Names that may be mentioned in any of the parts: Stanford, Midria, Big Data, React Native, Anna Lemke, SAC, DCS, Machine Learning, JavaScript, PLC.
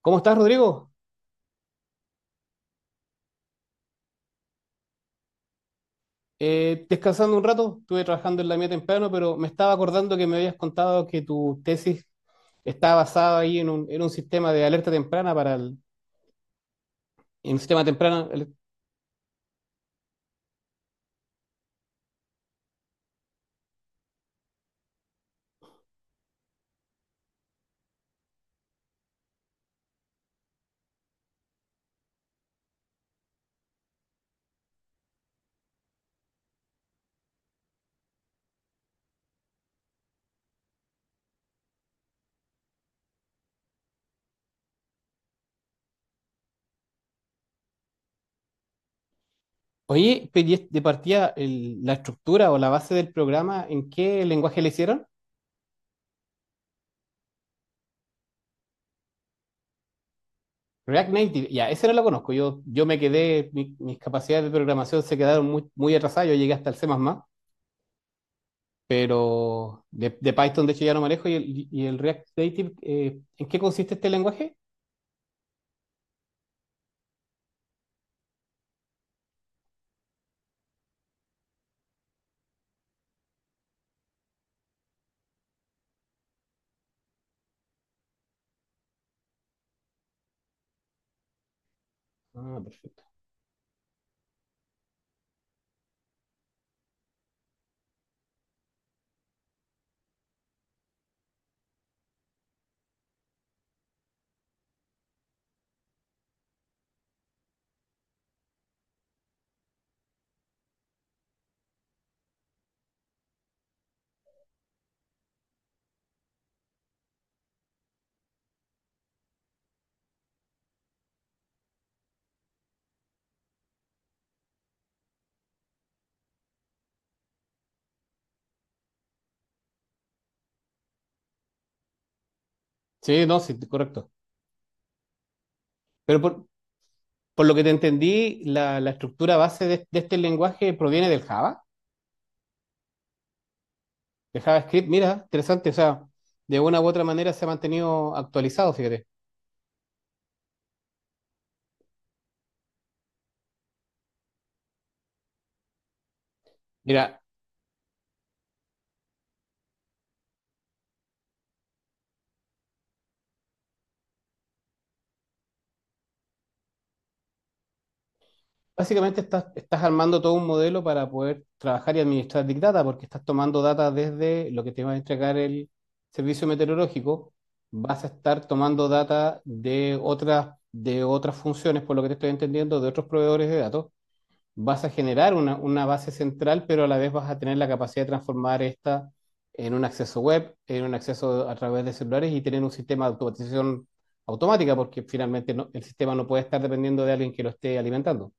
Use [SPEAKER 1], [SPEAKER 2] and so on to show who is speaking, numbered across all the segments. [SPEAKER 1] ¿Cómo estás, Rodrigo? Descansando un rato, estuve trabajando en la mía temprano, pero me estaba acordando que me habías contado que tu tesis está basada ahí en un sistema de alerta temprana en un sistema temprano. Oye, pero y de partida, la estructura o la base del programa, ¿en qué lenguaje le hicieron? React Native, ya, ese no lo conozco. Yo me quedé, mis capacidades de programación se quedaron muy, muy atrasadas. Yo llegué hasta el C++, pero de Python, de hecho, ya no manejo. ¿Y el React Native, en qué consiste este lenguaje? Ah, perfecto. Sí, no, sí, correcto. Pero por lo que te entendí, la estructura base de este lenguaje proviene del Java, de JavaScript. Mira, interesante, o sea, de una u otra manera se ha mantenido actualizado, fíjate. Mira, básicamente estás armando todo un modelo para poder trabajar y administrar Big Data, porque estás tomando data desde lo que te va a entregar el servicio meteorológico, vas a estar tomando data de otras funciones, por lo que te estoy entendiendo, de otros proveedores de datos vas a generar una base central, pero a la vez vas a tener la capacidad de transformar esta en un acceso web, en un acceso a través de celulares y tener un sistema de automatización automática, porque finalmente no, el sistema no puede estar dependiendo de alguien que lo esté alimentando.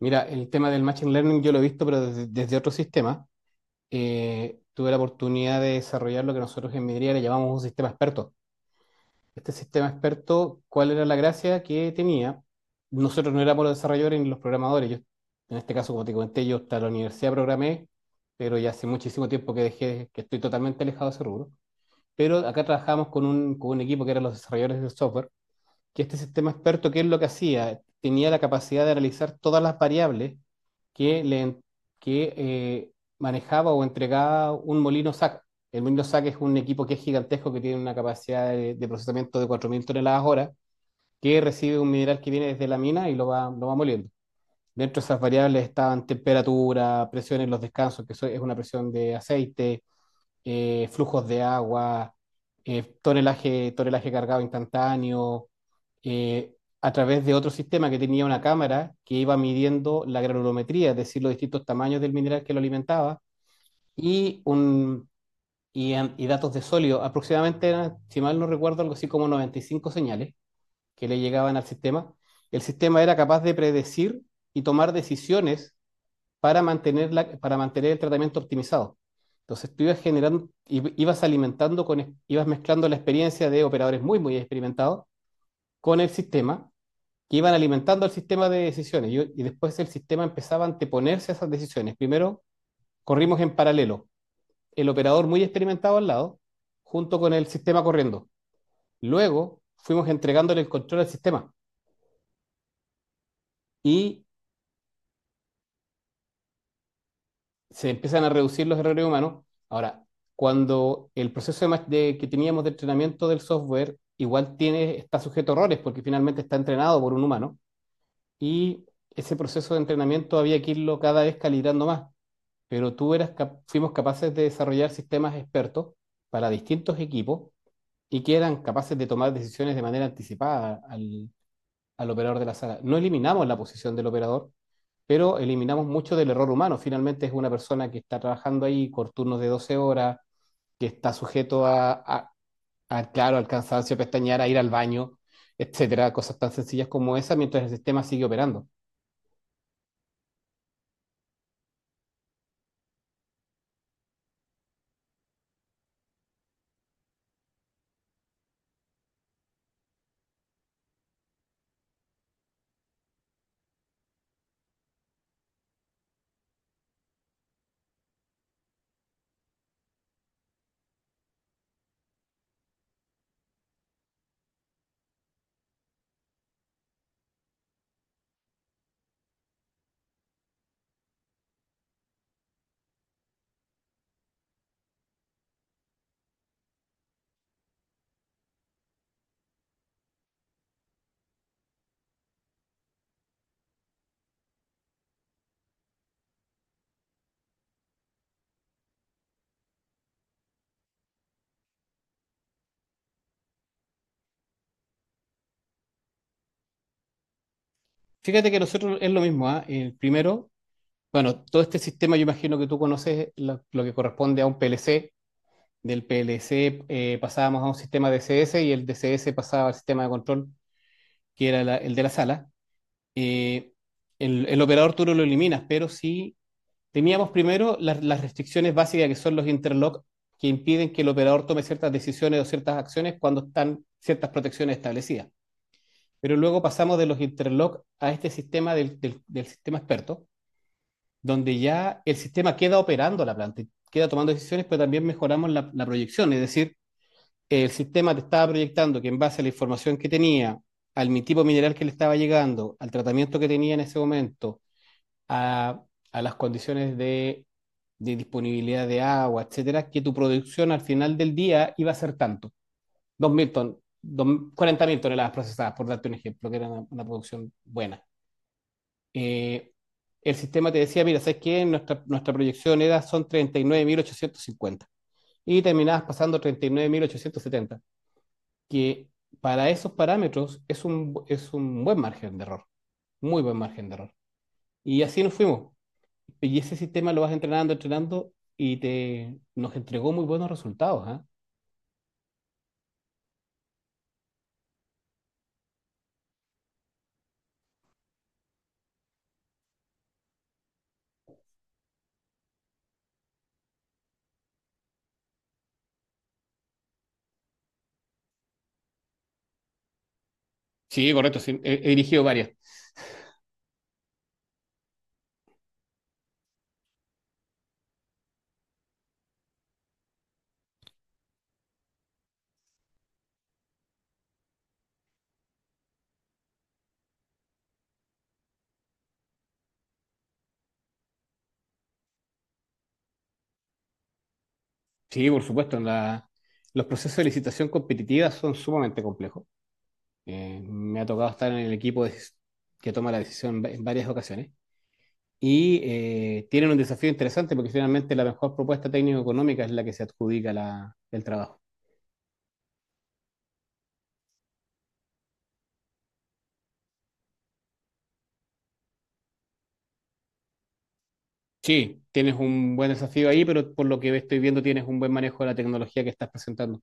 [SPEAKER 1] Mira, el tema del Machine Learning yo lo he visto, pero desde otro sistema. Tuve la oportunidad de desarrollar lo que nosotros en Midria le llamamos un sistema experto. Este sistema experto, ¿cuál era la gracia que tenía? Nosotros no éramos los desarrolladores ni los programadores. Yo, en este caso, como te comenté, yo hasta la universidad programé, pero ya hace muchísimo tiempo que dejé, que estoy totalmente alejado de ese rubro. Pero acá trabajamos con un equipo que eran los desarrolladores del software, que este sistema experto, ¿qué es lo que hacía? Tenía la capacidad de analizar todas las variables que, le, en- que manejaba o entregaba un molino SAC. El molino SAC es un equipo que es gigantesco, que tiene una capacidad de procesamiento de 4.000 toneladas hora, que recibe un mineral que viene desde la mina y lo va moliendo. Dentro de esas variables estaban temperatura, presión en los descansos, que eso es una presión de aceite, flujos de agua, tonelaje cargado instantáneo, eh, a través de otro sistema que tenía una cámara que iba midiendo la granulometría, es decir, los distintos tamaños del mineral que lo alimentaba, y, un, y datos de sólido. Aproximadamente, eran, si mal no recuerdo, algo así como 95 señales que le llegaban al sistema. El sistema era capaz de predecir y tomar decisiones para mantener el tratamiento optimizado. Entonces tú ibas generando, ibas alimentando con, ibas mezclando la experiencia de operadores muy, muy experimentados con el sistema, que iban alimentando el sistema de decisiones. Y después el sistema empezaba a anteponerse a esas decisiones. Primero corrimos en paralelo, el operador muy experimentado al lado, junto con el sistema corriendo. Luego fuimos entregándole el control al sistema. Y se empiezan a reducir los errores humanos. Ahora, cuando el proceso que teníamos de entrenamiento del software igual tiene, está sujeto a errores porque finalmente está entrenado por un humano y ese proceso de entrenamiento había que irlo cada vez calibrando más, pero fuimos capaces de desarrollar sistemas expertos para distintos equipos y que eran capaces de tomar decisiones de manera anticipada al, operador de la sala. No eliminamos la posición del operador, pero eliminamos mucho del error humano. Finalmente es una persona que está trabajando ahí por turnos de 12 horas, que está sujeto a, claro, al cansancio, a pestañear, a ir al baño, etcétera, cosas tan sencillas como esa, mientras el sistema sigue operando. Fíjate que nosotros es lo mismo, ¿ah? El primero, bueno, todo este sistema, yo imagino que tú conoces lo que corresponde a un PLC. Del PLC pasábamos a un sistema DCS y el DCS pasaba al sistema de control, que era el de la sala. eh, el operador tú no lo eliminas, pero sí teníamos primero las restricciones básicas que son los interlock que impiden que el operador tome ciertas decisiones o ciertas acciones cuando están ciertas protecciones establecidas. Pero luego pasamos de los interlock a este sistema del sistema experto, donde ya el sistema queda operando la planta, queda tomando decisiones, pero también mejoramos la proyección. Es decir, el sistema te estaba proyectando que en base a la información que tenía, al tipo mineral que le estaba llegando, al tratamiento que tenía en ese momento, a, a las condiciones de disponibilidad de agua, etcétera, que tu producción al final del día iba a ser tanto, dos mil ton, dos, 40.000 toneladas procesadas, por darte un ejemplo, que era una producción buena. Eh, el sistema te decía, mira, ¿sabes qué? Nuestra proyección era, son 39.850 y 9.850 y terminabas pasando 39.870, que para esos parámetros es un, buen margen de error, muy buen margen de error. Y así nos fuimos. Y ese sistema lo vas entrenando, entrenando y nos entregó muy buenos resultados. ¿Ah? Sí, correcto, sí, he dirigido varias. Sí, por supuesto, los procesos de licitación competitiva son sumamente complejos. Me ha tocado estar en el equipo que toma la decisión en varias ocasiones. Y tienen un desafío interesante porque finalmente la mejor propuesta técnico-económica es la que se adjudica el trabajo. Sí, tienes un buen desafío ahí, pero por lo que estoy viendo tienes un buen manejo de la tecnología que estás presentando.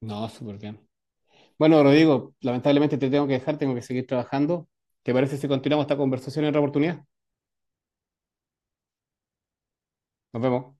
[SPEAKER 1] No, súper bien. Bueno, Rodrigo, lamentablemente te tengo que dejar, tengo que seguir trabajando. ¿Te parece si continuamos esta conversación en otra oportunidad? Nos vemos.